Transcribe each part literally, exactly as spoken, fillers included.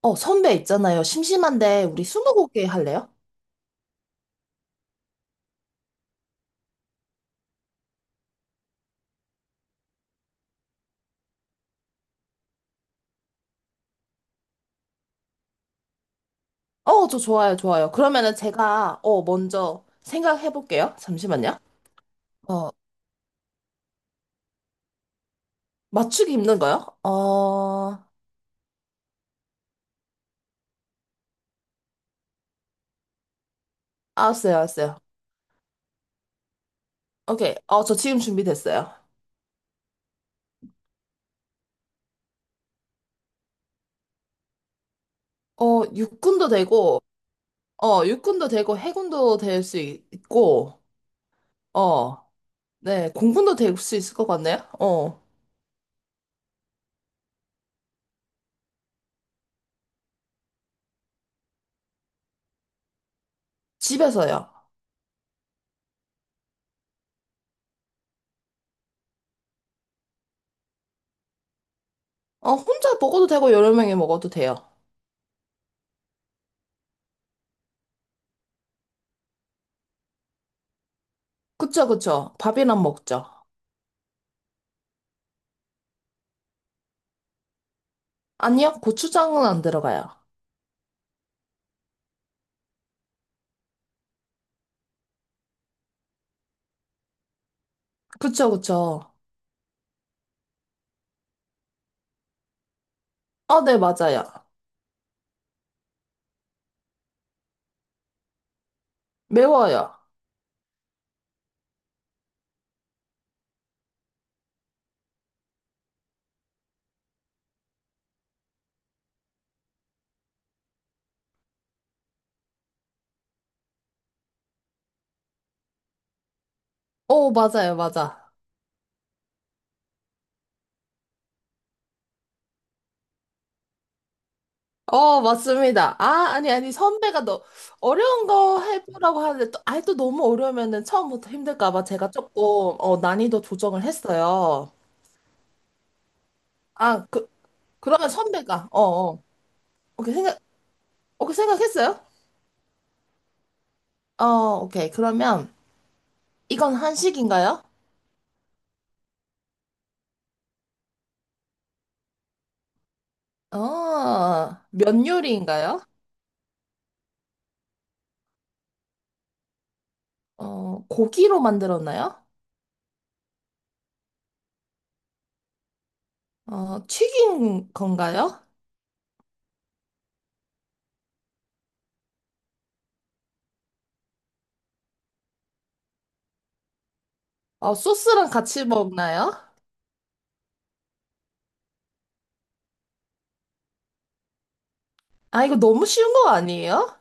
어, 선배 있잖아요. 심심한데 우리 스무고개 할래요? 어, 저 좋아요, 좋아요. 그러면은 제가 어 먼저 생각해 볼게요. 잠시만요. 어, 맞추기 힘든 거요? 어, 알았어요, 알았어요. 오케이. 어, 저 지금 준비됐어요. 어, 육군도 되고, 어, 육군도 되고, 해군도 될 수 있고, 어, 네, 공군도 될 수 있을 것 같네요. 어, 집에서요. 어, 혼자 먹어도 되고, 여러 명이 먹어도 돼요. 그쵸, 그쵸. 밥이랑 먹죠. 아니요, 고추장은 안 들어가요. 그쵸, 그쵸. 아, 네, 맞아요. 매워요. 오, 맞아요, 맞아. 어, 맞습니다. 아, 아니, 아니, 선배가 너, 어려운 거 해보라고 하는데, 또, 아이, 또 너무 어려우면은 처음부터 힘들까봐 제가 조금, 어, 난이도 조정을 했어요. 아, 그, 그러면 선배가, 어, 어. 오케이, 생각, 오케이, 생각했어요? 어, 오케이. 그러면, 이건 한식인가요? 어, 면 요리인가요? 어, 고기로 만들었나요? 어, 튀긴 건가요? 아, 소스랑 같이 먹나요? 아, 이거 너무 쉬운 거 아니에요?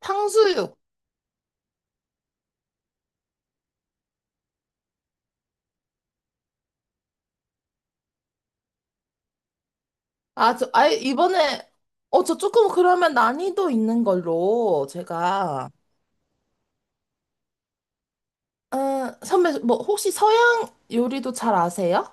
탕수육. 아, 저, 아, 이번에, 어, 저 조금 그러면 난이도 있는 걸로 제가, 어, 선배, 뭐, 혹시 서양 요리도 잘 아세요?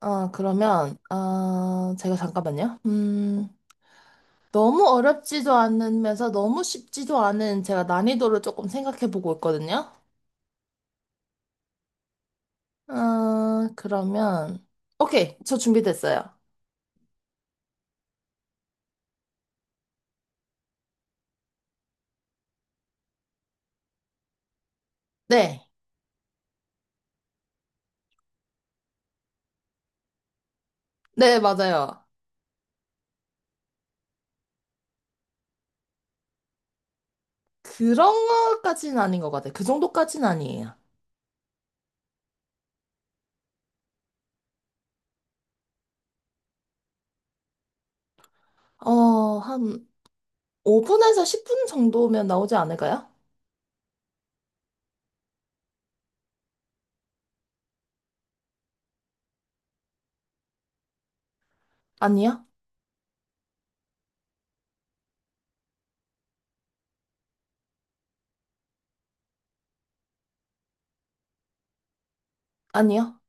아, 그러면, 아, 제가 잠깐만요. 음, 너무 어렵지도 않으면서 너무 쉽지도 않은 제가 난이도를 조금 생각해 보고 있거든요. 아, 그러면, 오케이, 저 준비됐어요. 네, 네, 맞아요. 그런 것까지는 아닌 것 같아요. 그 정도까지는 아니에요. 어, 한 오 분에서 십 분 정도면 나오지 않을까요? 아니요? 아니요?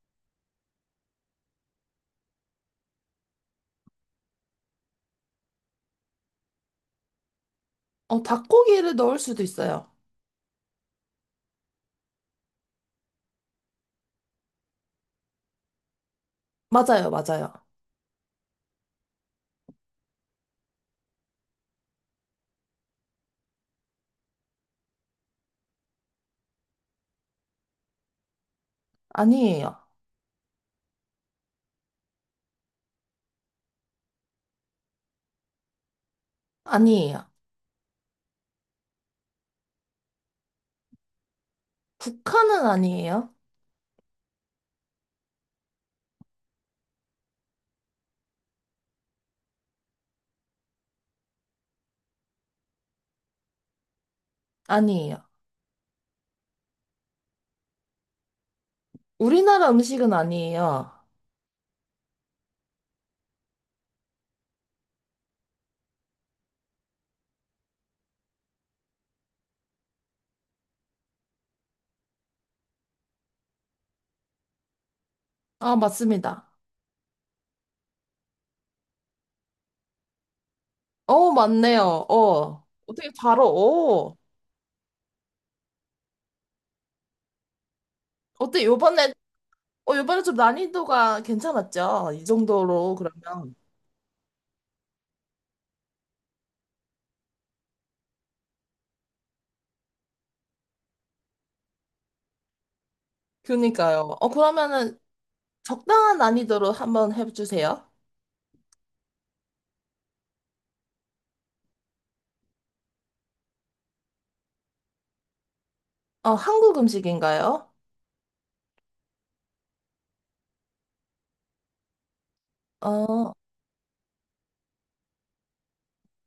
어, 닭고기를 넣을 수도 있어요. 맞아요, 맞아요. 아니에요. 아니에요. 북한은 아니에요. 아니에요. 우리나라 음식은 아니에요. 아, 맞습니다. 어, 맞네요. 어. 어떻게 바로, 어. 어때, 요번에, 어, 요번에 좀 난이도가 괜찮았죠? 이 정도로 그러면. 그니까요. 어, 그러면은 적당한 난이도로 한번 해주세요. 어, 한국 음식인가요? 어,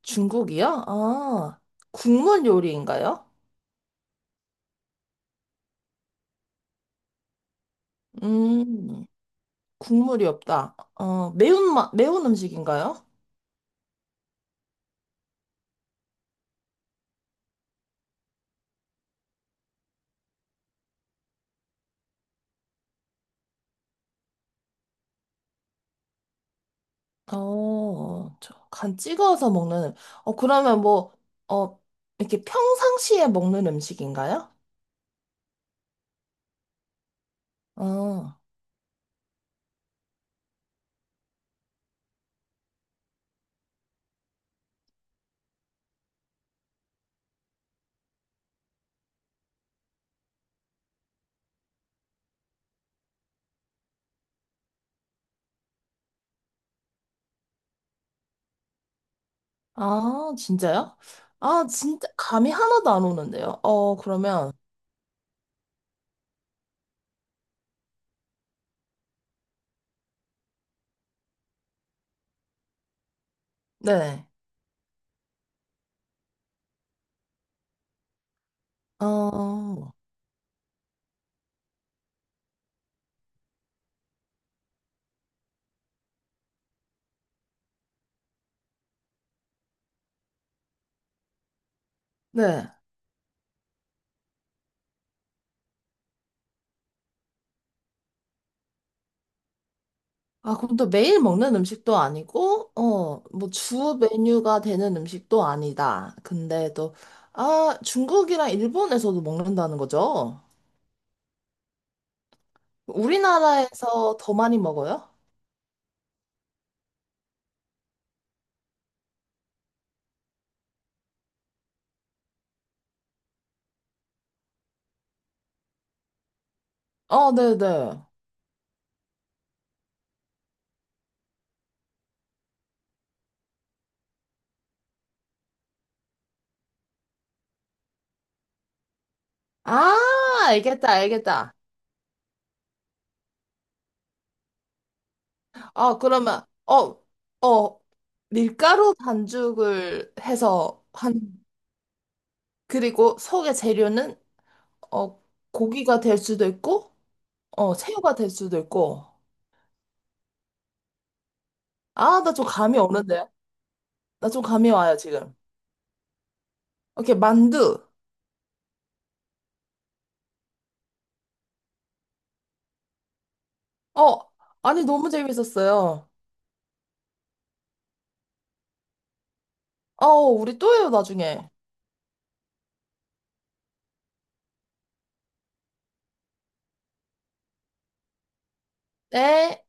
중국이요? 아, 국물 요리인가요? 음, 국물이 없다. 어, 매운 맛, 매운 음식인가요? 어, 저, 간 찍어서 먹는, 어, 그러면 뭐, 어, 이렇게 평상시에 먹는 음식인가요? 어, 아, 진짜요? 아, 진짜, 감이 하나도 안 오는데요. 어, 그러면, 네. 어, 네. 아, 그럼 또 매일 먹는 음식도 아니고, 어, 뭐 주 메뉴가 되는 음식도 아니다. 근데 또, 아, 중국이랑 일본에서도 먹는다는 거죠? 우리나라에서 더 많이 먹어요? 어, 네네. 아, 알겠다, 알겠다. 어, 그러면, 어, 어, 밀가루 반죽을 해서 한, 그리고 속의 재료는, 어, 고기가 될 수도 있고, 어, 새우가 될 수도 있고. 아, 나 좀 감이 오는데요? 나 좀 감이 와요, 지금. 오케이, 만두. 어, 아니, 너무 재밌었어요. 어, 우리 또 해요, 나중에. 네.